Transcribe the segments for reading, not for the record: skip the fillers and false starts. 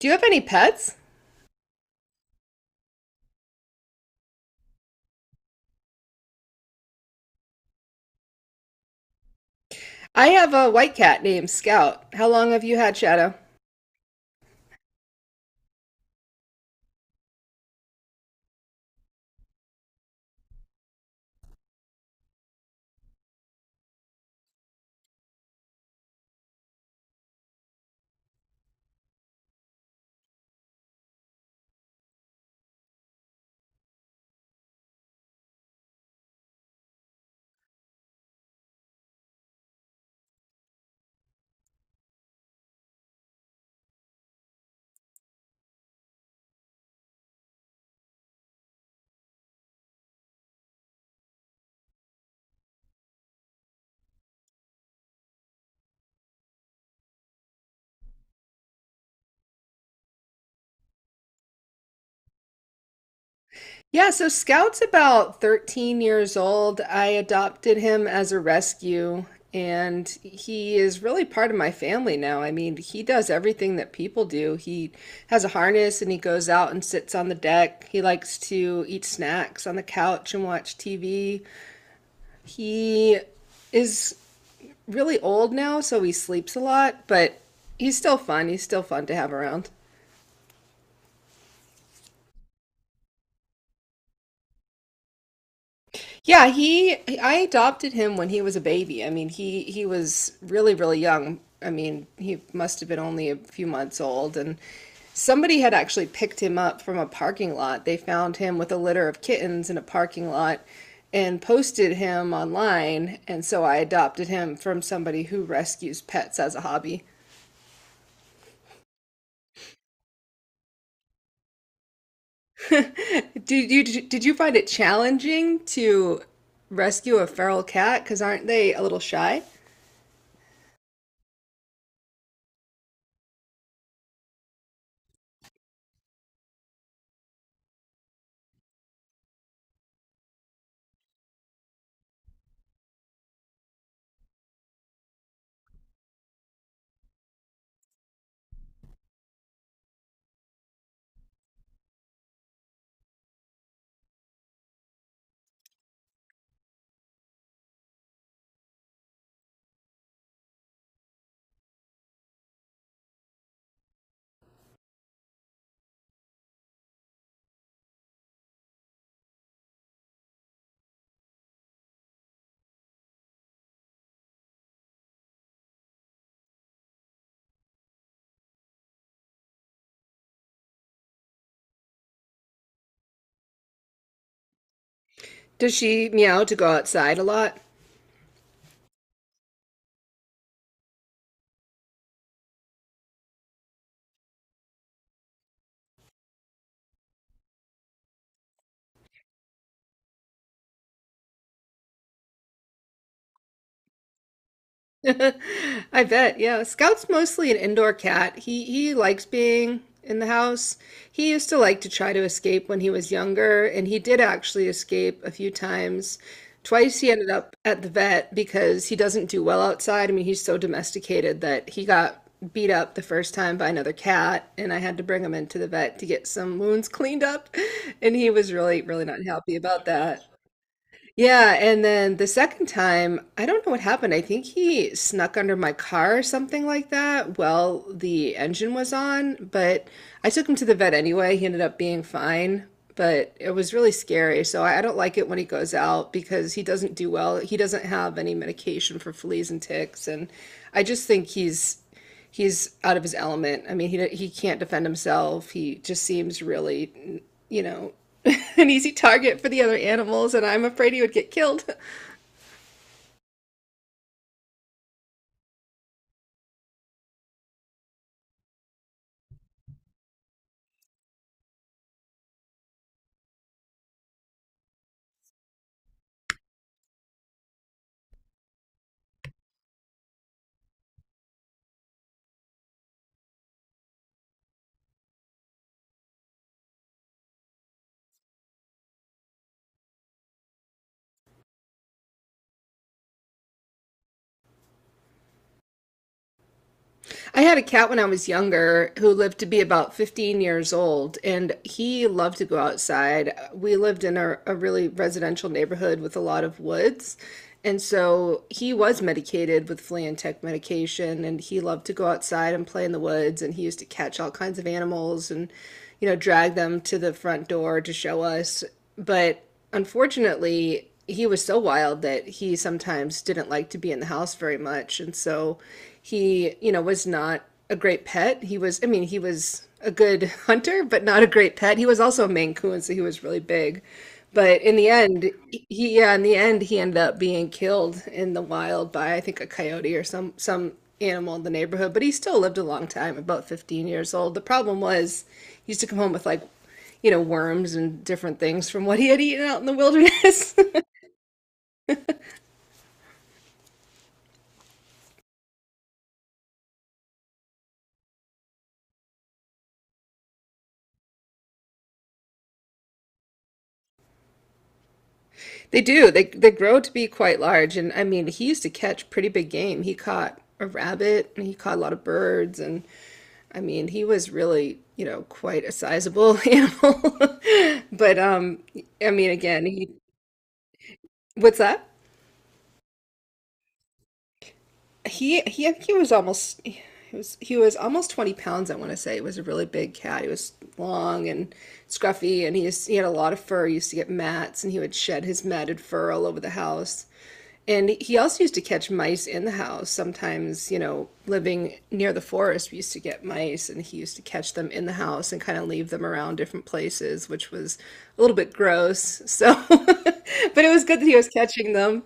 Do you have any pets? I have a white cat named Scout. How long have you had Shadow? Yeah, so Scout's about 13 years old. I adopted him as a rescue, and he is really part of my family now. I mean, he does everything that people do. He has a harness and he goes out and sits on the deck. He likes to eat snacks on the couch and watch TV. He is really old now, so he sleeps a lot, but he's still fun. He's still fun to have around. Yeah, he I adopted him when he was a baby. I mean, he was really young. I mean, he must have been only a few months old, and somebody had actually picked him up from a parking lot. They found him with a litter of kittens in a parking lot and posted him online, and so I adopted him from somebody who rescues pets as a hobby. Did you find it challenging to rescue a feral cat? Because aren't they a little shy? Does she meow to go outside a lot? I bet, yeah. Scout's mostly an indoor cat. He likes being in the house. He used to like to try to escape when he was younger, and he did actually escape a few times. Twice he ended up at the vet because he doesn't do well outside. I mean, he's so domesticated that he got beat up the first time by another cat, and I had to bring him into the vet to get some wounds cleaned up, and he was really, really not happy about that. Yeah, and then the second time, I don't know what happened. I think he snuck under my car or something like that while the engine was on, but I took him to the vet anyway. He ended up being fine, but it was really scary. So I don't like it when he goes out because he doesn't do well. He doesn't have any medication for fleas and ticks, and I just think he's out of his element. I mean, he can't defend himself. He just seems really, you know, an easy target for the other animals, and I'm afraid he would get killed. I had a cat when I was younger who lived to be about 15 years old, and he loved to go outside. We lived in a really residential neighborhood with a lot of woods. And so he was medicated with flea and tick medication, and he loved to go outside and play in the woods. And he used to catch all kinds of animals and, you know, drag them to the front door to show us. But unfortunately, he was so wild that he sometimes didn't like to be in the house very much. And so he, you know, was not a great pet. He was, I mean, he was a good hunter, but not a great pet. He was also a Maine Coon, so he was really big. But in the end, he yeah, in the end he ended up being killed in the wild by I think a coyote or some animal in the neighborhood, but he still lived a long time, about 15 years old. The problem was he used to come home with, like, you know, worms and different things from what he had eaten out in the wilderness. They do. They grow to be quite large, and I mean, he used to catch pretty big game. He caught a rabbit and he caught a lot of birds, and I mean, he was really, you know, quite a sizable animal. But I mean, again, he what's that? He he he was almost he he was almost 20 pounds, I want to say. He was a really big cat. He was long and scruffy, and he had a lot of fur. He used to get mats and he would shed his matted fur all over the house. And he also used to catch mice in the house. Sometimes, you know, living near the forest, we used to get mice and he used to catch them in the house and kind of leave them around different places, which was a little bit gross. So, but it was good that he was catching them.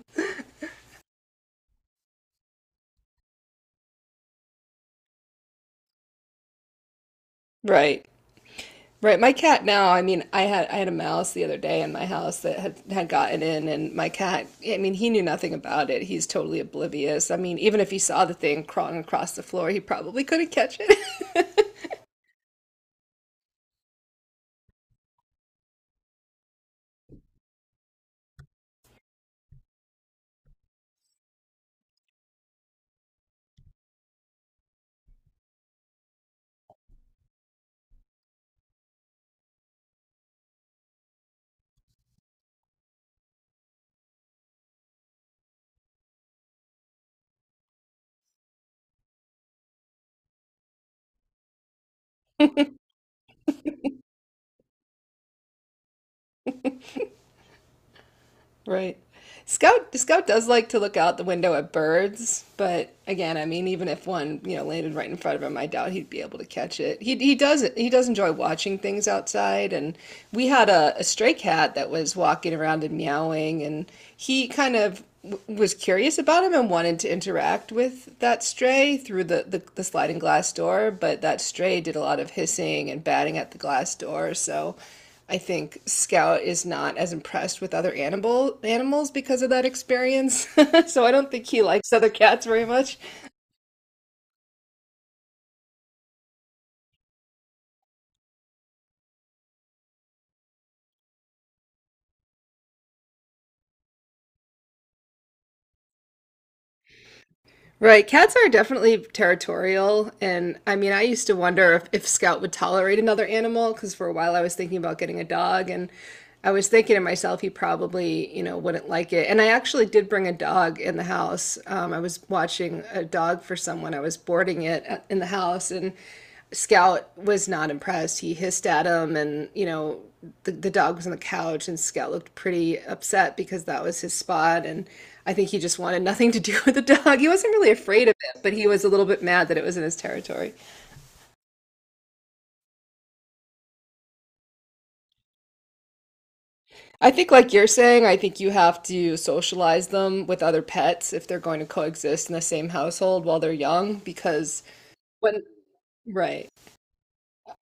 Right. Right, my cat now, I mean, I had a mouse the other day in my house that had gotten in, and my cat, I mean, he knew nothing about it. He's totally oblivious. I mean, even if he saw the thing crawling across the floor, he probably couldn't catch it. Right. Scout does like to look out the window at birds, but again, I mean, even if one, you know, landed right in front of him, I doubt he'd be able to catch it. He does enjoy watching things outside, and we had a stray cat that was walking around and meowing, and he kind of w was curious about him and wanted to interact with that stray through the the sliding glass door, but that stray did a lot of hissing and batting at the glass door, so. I think Scout is not as impressed with other animals because of that experience. So I don't think he likes other cats very much. Right, cats are definitely territorial, and I mean, I used to wonder if, Scout would tolerate another animal because for a while I was thinking about getting a dog, and I was thinking to myself he probably, you know, wouldn't like it. And I actually did bring a dog in the house. I was watching a dog for someone. I was boarding it in the house, and Scout was not impressed. He hissed at him, and, you know, the dog was on the couch, and Scout looked pretty upset because that was his spot. And I think he just wanted nothing to do with the dog. He wasn't really afraid of it, but he was a little bit mad that it was in his territory. I think, like you're saying, I think you have to socialize them with other pets if they're going to coexist in the same household while they're young, because when, right,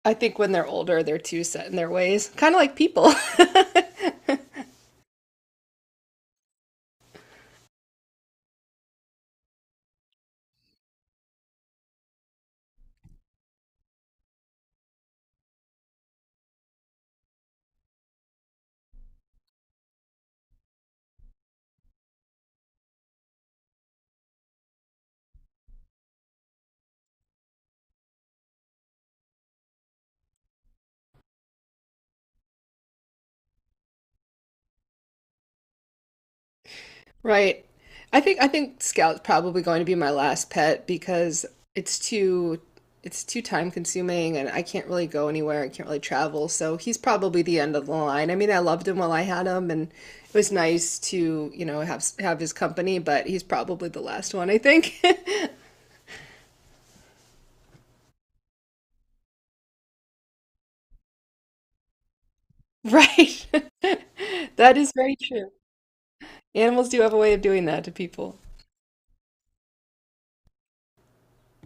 I think when they're older, they're too set in their ways, kind of like people. Right. I think Scout's probably going to be my last pet because it's too it's too time consuming and I can't really go anywhere. I can't really travel. So he's probably the end of the line. I mean, I loved him while I had him and it was nice to, you know, have his company, but he's probably the last one, I think. Right. That is very true. Animals do have a way of doing that to people.